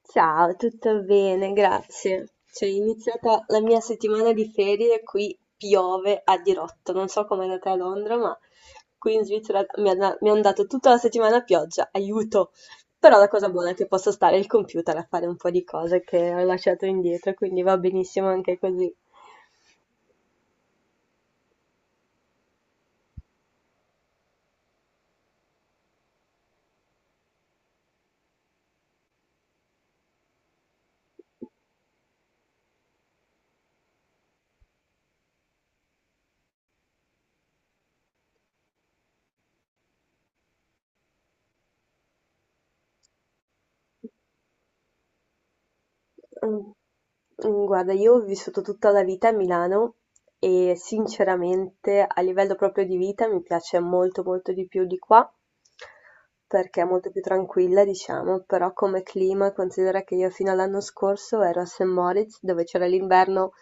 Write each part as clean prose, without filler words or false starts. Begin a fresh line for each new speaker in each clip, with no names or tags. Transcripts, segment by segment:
Ciao, tutto bene, grazie. Cioè, è iniziata la mia settimana di ferie, qui piove a dirotto. Non so com'è andata a Londra, ma qui in Svizzera mi hanno dato tutta la settimana a pioggia, aiuto! Però la cosa buona è che posso stare al computer a fare un po' di cose che ho lasciato indietro, quindi va benissimo anche così. Mhmm, guarda, io ho vissuto tutta la vita a Milano e sinceramente a livello proprio di vita mi piace molto, molto di più di qua, perché è molto più tranquilla, diciamo, però come clima considera che io fino all'anno scorso ero a St. Moritz, dove c'era l'inverno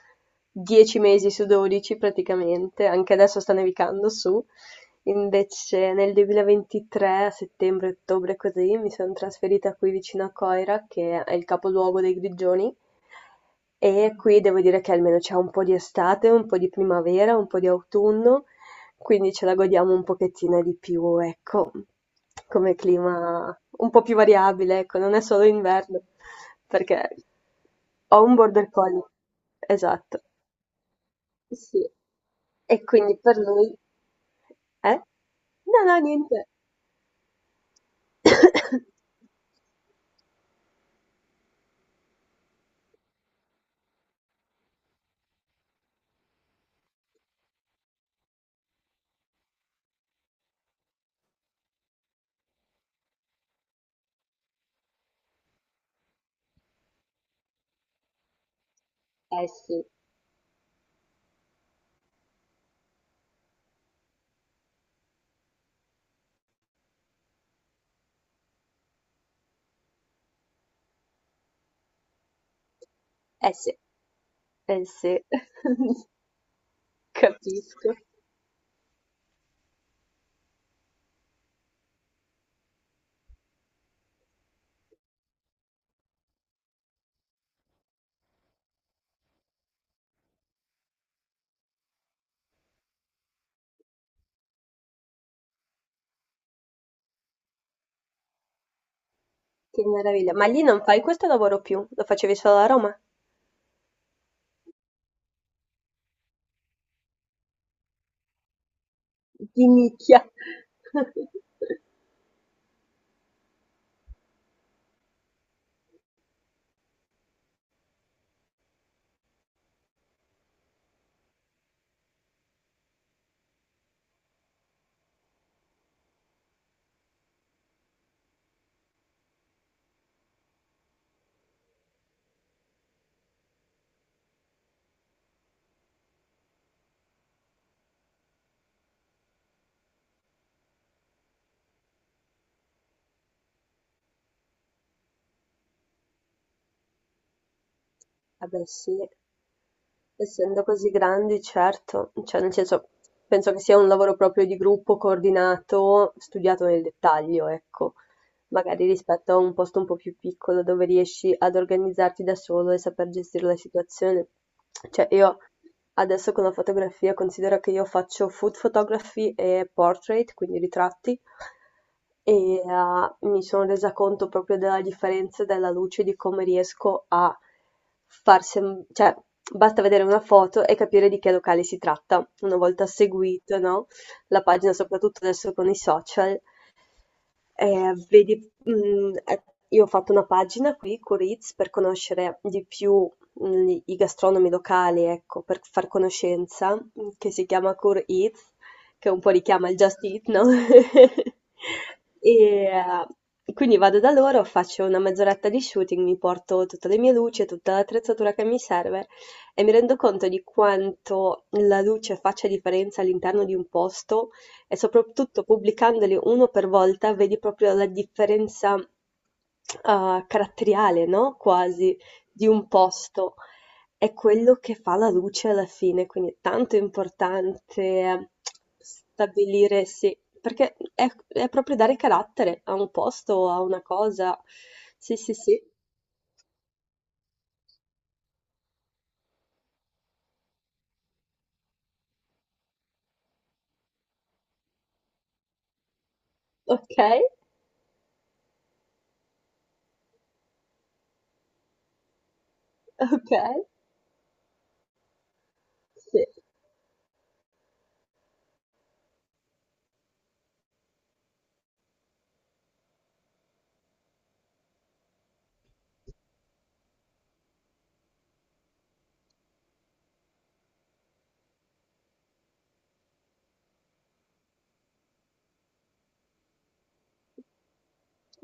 10 mesi su 12 praticamente, anche adesso sta nevicando su. Invece nel 2023, a settembre-ottobre così, mi sono trasferita qui vicino a Coira, che è il capoluogo dei Grigioni, e qui devo dire che almeno c'è un po' di estate, un po' di primavera, un po' di autunno, quindi ce la godiamo un pochettino di più, ecco, come clima un po' più variabile, ecco, non è solo inverno, perché ho un border collie, esatto. Sì. E quindi per lui eh? No, no, niente. Eh sì, eh sì, eh sì, capisco. Che meraviglia. Ma lì non fai questo lavoro più, lo facevi solo a Roma? Di nicchia. Vabbè, sì. Essendo così grandi, certo, cioè nel senso, penso che sia un lavoro proprio di gruppo, coordinato, studiato nel dettaglio, ecco. Magari rispetto a un posto un po' più piccolo dove riesci ad organizzarti da solo e saper gestire la situazione. Cioè io adesso con la fotografia considero che io faccio food photography e portrait, quindi ritratti, e, mi sono resa conto proprio della differenza della luce, di come riesco a far sem cioè basta vedere una foto e capire di che locale si tratta. Una volta seguito, no, la pagina soprattutto adesso con i social, vedi, mh, eh, io ho fatto una pagina qui, Curiz, per conoscere di più i gastronomi locali, ecco, per far conoscenza, che si chiama Curiz, che un po' richiama il Just Eat, no? E quindi vado da loro, faccio una mezz'oretta di shooting, mi porto tutte le mie luci, tutta l'attrezzatura che mi serve e mi rendo conto di quanto la luce faccia differenza all'interno di un posto e soprattutto pubblicandoli uno per volta vedi proprio la differenza caratteriale, no? Quasi di un posto. È quello che fa la luce alla fine, quindi è tanto importante stabilire, sì, perché è proprio dare carattere a un posto, a una cosa. Sì, sì, sì. Ok, ok, sì,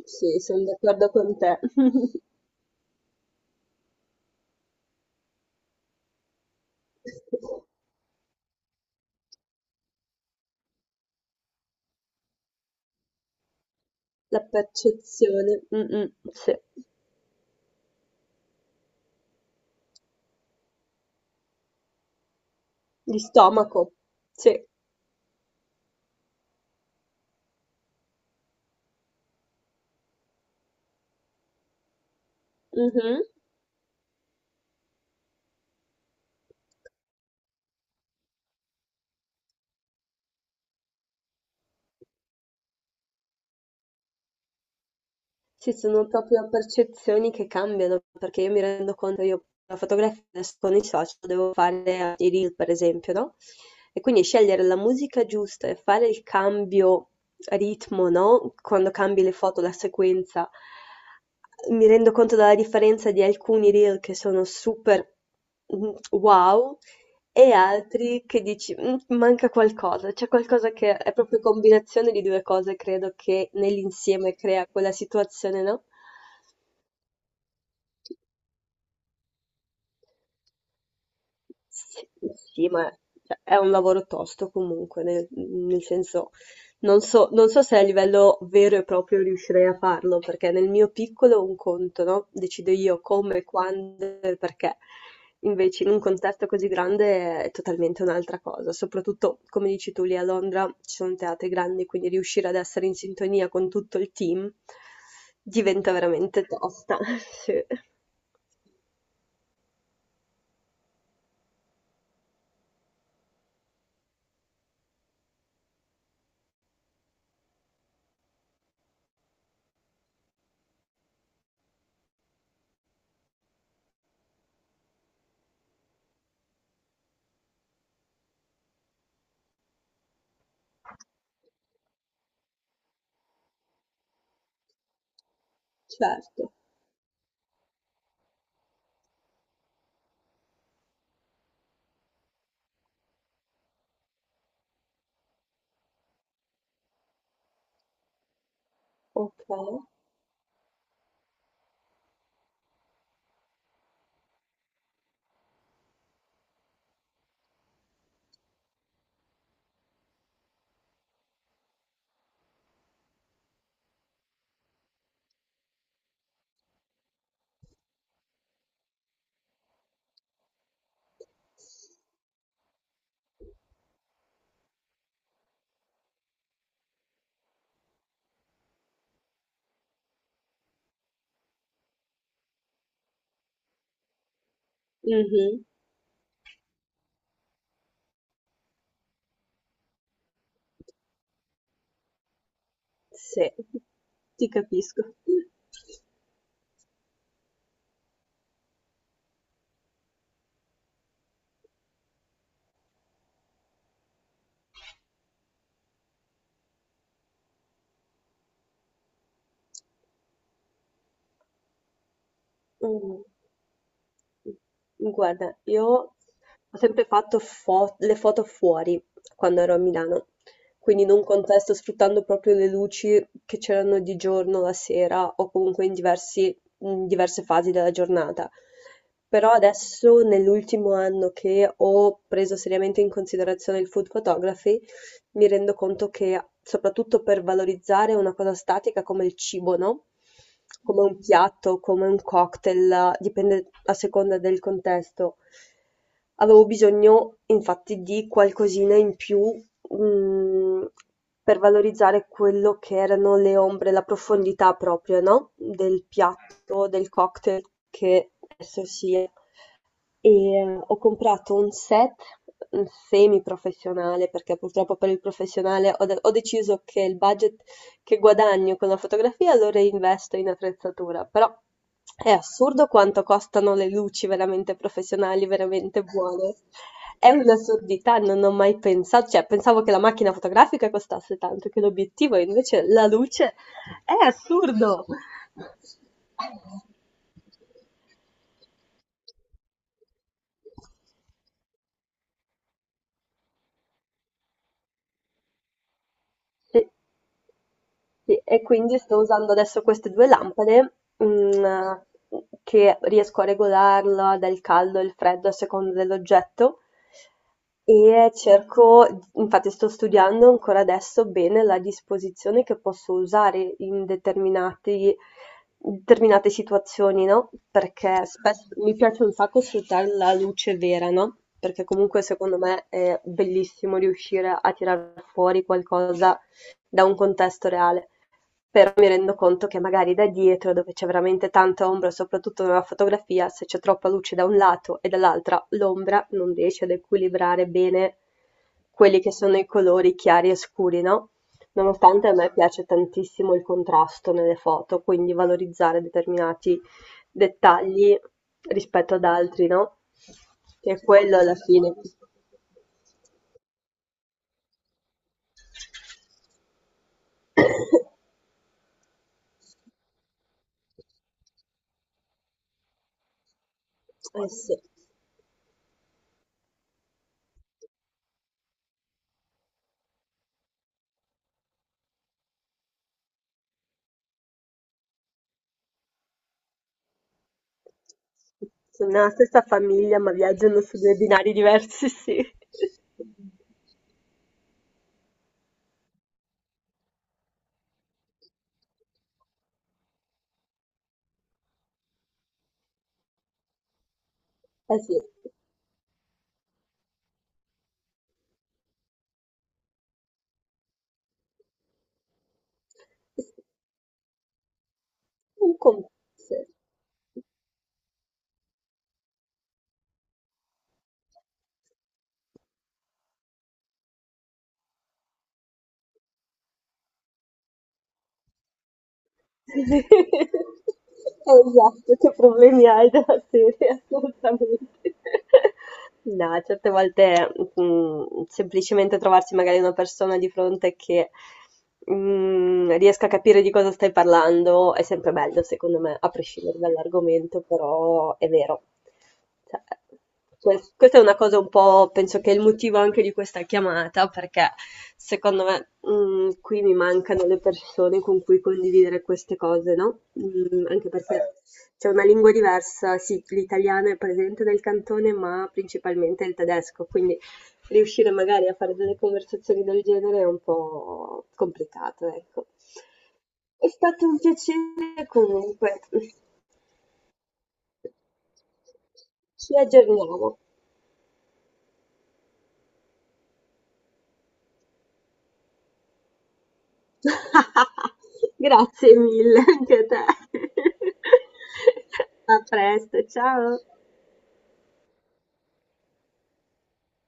sì, sono d'accordo con te. La percezione, mm, mm, sì. Di stomaco, sì, mh-mh. Sì, sono proprio percezioni che cambiano, perché io mi rendo conto, io la fotografia adesso con i social devo fare anche i reel, per esempio, no, e quindi scegliere la musica giusta e fare il cambio ritmo, no, quando cambi le foto, la sequenza, mi rendo conto della differenza di alcuni reel che sono super, wow. E altri che dici: manca qualcosa", c'è qualcosa che è proprio combinazione di due cose, credo, che nell'insieme crea quella situazione, no? S sì, ma cioè, è un lavoro tosto comunque, nel senso, non so se a livello vero e proprio riuscirei a farlo, perché nel mio piccolo un conto, no, decido io come, quando e perché. Invece in un contesto così grande è totalmente un'altra cosa, soprattutto come dici tu lì a Londra ci sono teatri grandi, quindi riuscire ad essere in sintonia con tutto il team diventa veramente tosta. Sì, certo. Okay. Mh-mh. Sì, ti capisco. Mm, Guarda, io ho sempre fatto le foto fuori quando ero a Milano, quindi in un contesto sfruttando proprio le luci che c'erano di giorno, la sera o comunque in diverse fasi della giornata. Però adesso, nell'ultimo anno che ho preso seriamente in considerazione il food photography, mi rendo conto che, soprattutto per valorizzare una cosa statica come il cibo, no? Come un piatto, come un cocktail, dipende a seconda del contesto. Avevo bisogno, infatti, di qualcosina in più, mm, per valorizzare quello che erano le ombre, la profondità proprio, no? Del piatto, del cocktail che esso sia. E ho comprato un set mm, semi-professionale perché purtroppo per il professionale ho deciso che il budget che guadagno con la fotografia lo reinvesto in attrezzatura, però è assurdo quanto costano le luci veramente professionali, veramente buone. È un'assurdità, non ho mai pensato, cioè pensavo che la macchina fotografica costasse tanto, che l'obiettivo e invece la luce è assurdo. Sì, e quindi sto usando adesso queste due lampade, mm, che riesco a regolarla dal caldo e il freddo a seconda dell'oggetto e cerco, infatti sto studiando ancora adesso bene la disposizione che posso usare determinate situazioni, no? Perché spesso mi piace un sacco sfruttare la luce vera, no? Perché comunque secondo me è bellissimo riuscire a tirar fuori qualcosa da un contesto reale, mi rendo conto che magari da dietro, dove c'è veramente tanta ombra, soprattutto nella fotografia, se c'è troppa luce da un lato e dall'altra, l'ombra non riesce ad equilibrare bene quelli che sono i colori chiari e scuri, no? Nonostante a me piace tantissimo il contrasto nelle foto, quindi valorizzare determinati dettagli rispetto ad altri, no? Che è quello alla fine. Eh sì. Sono nella stessa famiglia, ma viaggiano su due binari diversi, sì. Eh sì, un computer. Esatto, che problemi hai della serie, assolutamente. No, certe volte, semplicemente trovarsi magari una persona di fronte che riesca a capire di cosa stai parlando è sempre bello secondo me, a prescindere dall'argomento, però è vero. Cioè, questa è una cosa un po' penso che è il motivo anche di questa chiamata, perché secondo me qui mi mancano le persone con cui condividere queste cose, no, anche perché c'è una lingua diversa, sì, l'italiano è presente nel cantone, ma principalmente il tedesco, quindi riuscire magari a fare delle conversazioni del genere è un po' complicato, ecco. È stato un piacere comunque. Ci aggiorniamo. Grazie mille anche a te. A presto, ciao.